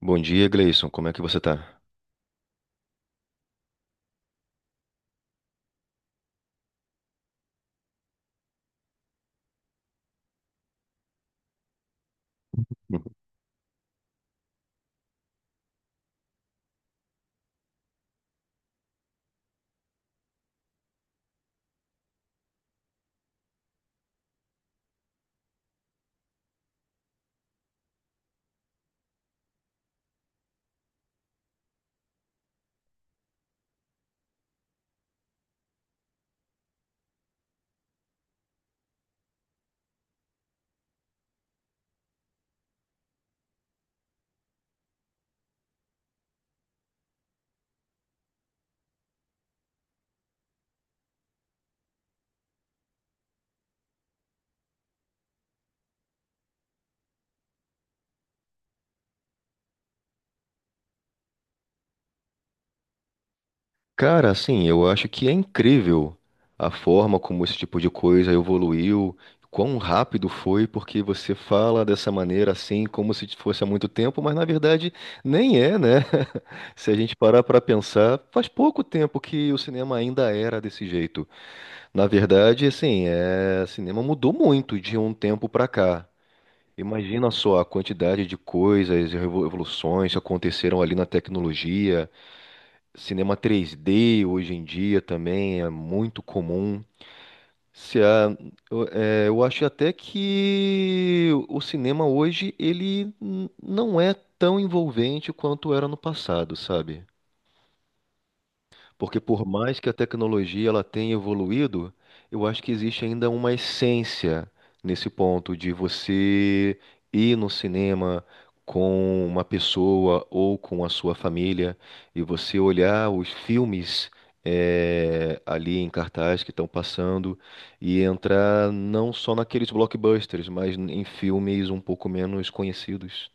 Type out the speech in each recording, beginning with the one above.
Bom dia, Gleison. Como é que você tá? Cara, assim, eu acho que é incrível a forma como esse tipo de coisa evoluiu, quão rápido foi, porque você fala dessa maneira assim, como se fosse há muito tempo, mas na verdade nem é, né? Se a gente parar para pensar, faz pouco tempo que o cinema ainda era desse jeito. Na verdade, assim, é, o cinema mudou muito de um tempo para cá. Imagina só a quantidade de coisas, e revoluções que aconteceram ali na tecnologia. Cinema 3D hoje em dia também é muito comum. Se a- eu acho até que o cinema hoje não é tão envolvente quanto era no passado, sabe? Porque por mais que a tecnologia ela tenha evoluído, eu acho que existe ainda uma essência nesse ponto de você ir no cinema com uma pessoa ou com a sua família e você olhar os filmes ali em cartaz que estão passando e entrar não só naqueles blockbusters, mas em filmes um pouco menos conhecidos.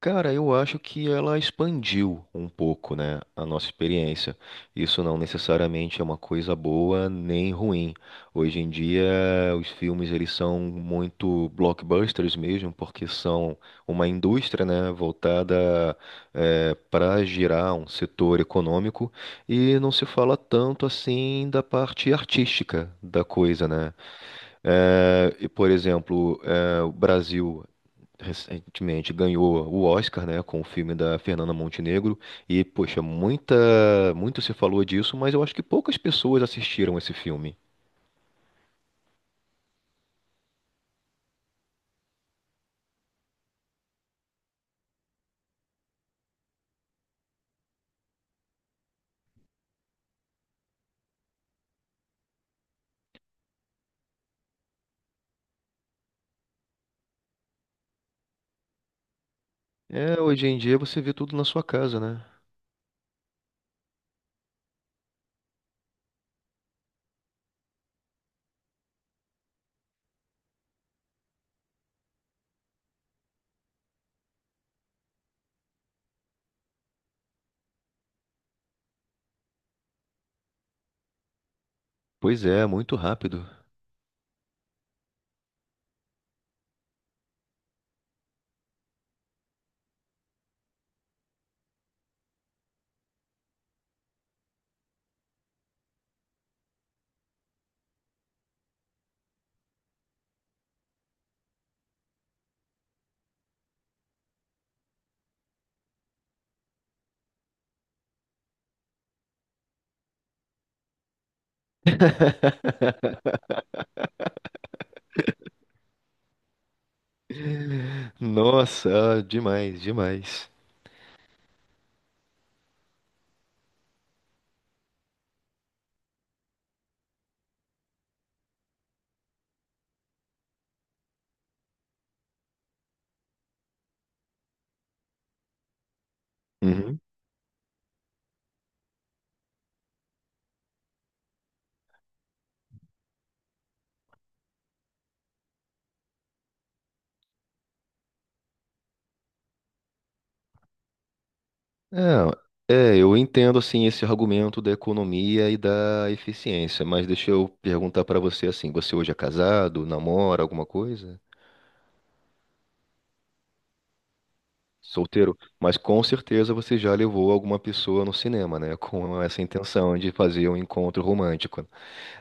Cara, eu acho que ela expandiu um pouco, né, a nossa experiência. Isso não necessariamente é uma coisa boa nem ruim. Hoje em dia, os filmes eles são muito blockbusters mesmo, porque são uma indústria, né, voltada para girar um setor econômico e não se fala tanto assim da parte artística da coisa, né? E, por exemplo, o Brasil recentemente ganhou o Oscar, né, com o filme da Fernanda Montenegro e poxa, muito se falou disso, mas eu acho que poucas pessoas assistiram esse filme. É, hoje em dia você vê tudo na sua casa, né? Pois é, muito rápido. Nossa, demais, demais. Uhum. Eu entendo assim esse argumento da economia e da eficiência, mas deixa eu perguntar pra você assim, você hoje é casado, namora alguma coisa? Solteiro, mas com certeza você já levou alguma pessoa no cinema, né? Com essa intenção de fazer um encontro romântico.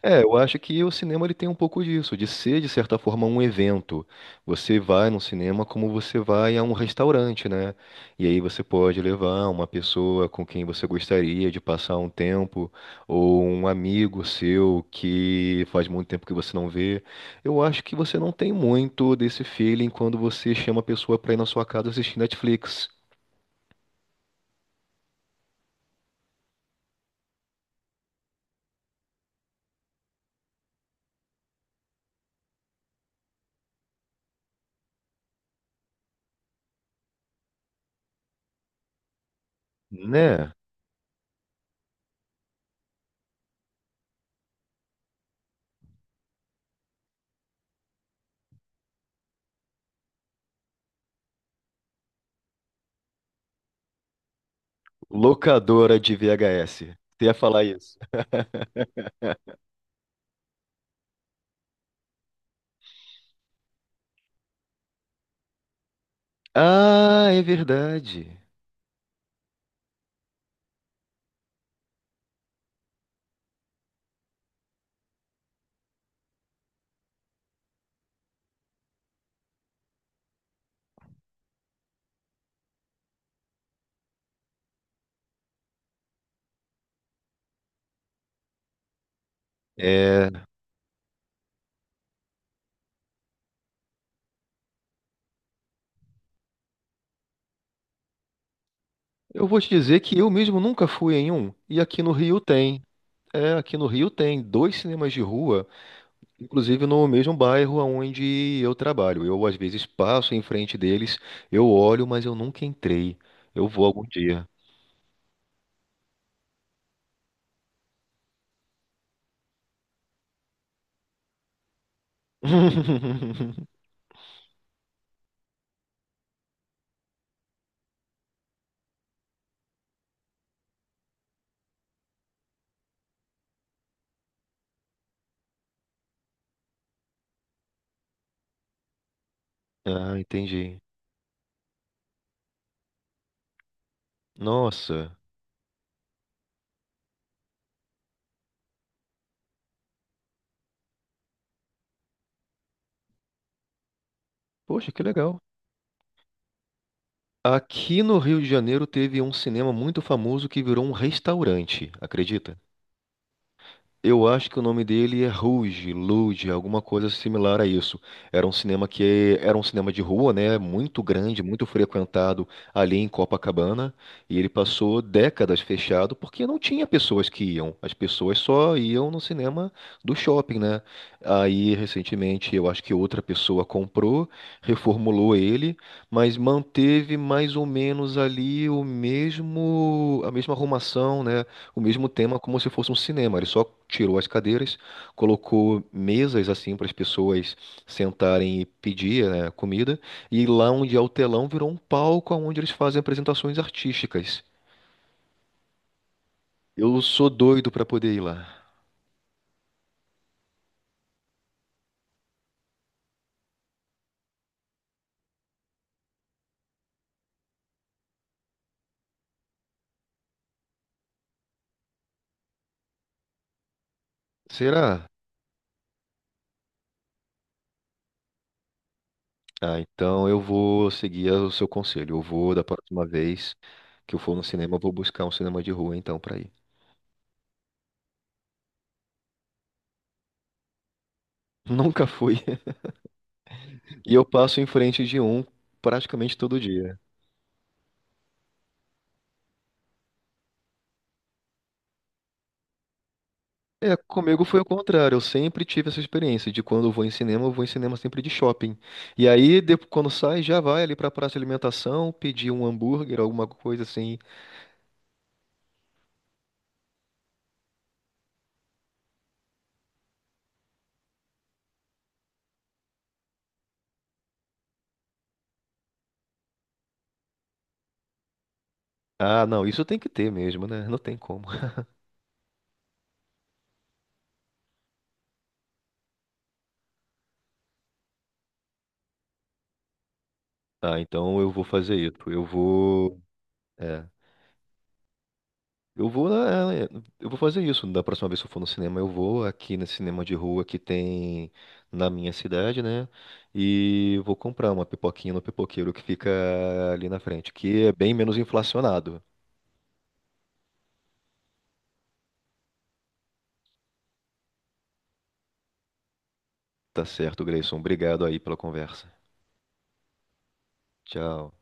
É, eu acho que o cinema ele tem um pouco disso, de ser, de certa forma, um evento. Você vai no cinema como você vai a um restaurante, né? E aí você pode levar uma pessoa com quem você gostaria de passar um tempo, ou um amigo seu que faz muito tempo que você não vê. Eu acho que você não tem muito desse feeling quando você chama a pessoa para ir na sua casa assistir Netflix, né? Locadora de VHS. Você ia falar isso. Ah, é verdade. Eu vou te dizer que eu mesmo nunca fui em um. E aqui no Rio tem. É, aqui no Rio tem dois cinemas de rua, inclusive no mesmo bairro onde eu trabalho. Eu às vezes passo em frente deles, eu olho, mas eu nunca entrei. Eu vou algum dia. Ah, entendi. Nossa. Poxa, que legal. Aqui no Rio de Janeiro teve um cinema muito famoso que virou um restaurante, acredita? Eu acho que o nome dele é Rouge, Luge, alguma coisa similar a isso. Era um cinema que era um cinema de rua, né? Muito grande, muito frequentado ali em Copacabana. E ele passou décadas fechado porque não tinha pessoas que iam. As pessoas só iam no cinema do shopping, né? Aí, recentemente, eu acho que outra pessoa comprou, reformulou ele, mas manteve mais ou menos ali o mesmo, a mesma arrumação, né? O mesmo tema como se fosse um cinema. Ele só tirou as cadeiras, colocou mesas assim para as pessoas sentarem e pedir, né, comida, e lá onde é o telão virou um palco onde eles fazem apresentações artísticas. Eu sou doido para poder ir lá. Será? Ah, então eu vou seguir o seu conselho. Eu vou, da próxima vez que eu for no cinema, eu vou buscar um cinema de rua então para ir. Nunca fui. E eu passo em frente de um praticamente todo dia. É, comigo foi o contrário. Eu sempre tive essa experiência de quando eu vou em cinema, eu vou em cinema sempre de shopping. E aí, quando sai, já vai ali pra praça de alimentação, pedir um hambúrguer, alguma coisa assim. Ah, não, isso tem que ter mesmo, né? Não tem como. Ah, então eu vou fazer isso. Eu vou. É. Eu vou, eu vou fazer isso. Da próxima vez que eu for no cinema, eu vou aqui nesse cinema de rua que tem na minha cidade, né? E vou comprar uma pipoquinha no pipoqueiro que fica ali na frente, que é bem menos inflacionado. Tá certo, Grayson. Obrigado aí pela conversa. Tchau.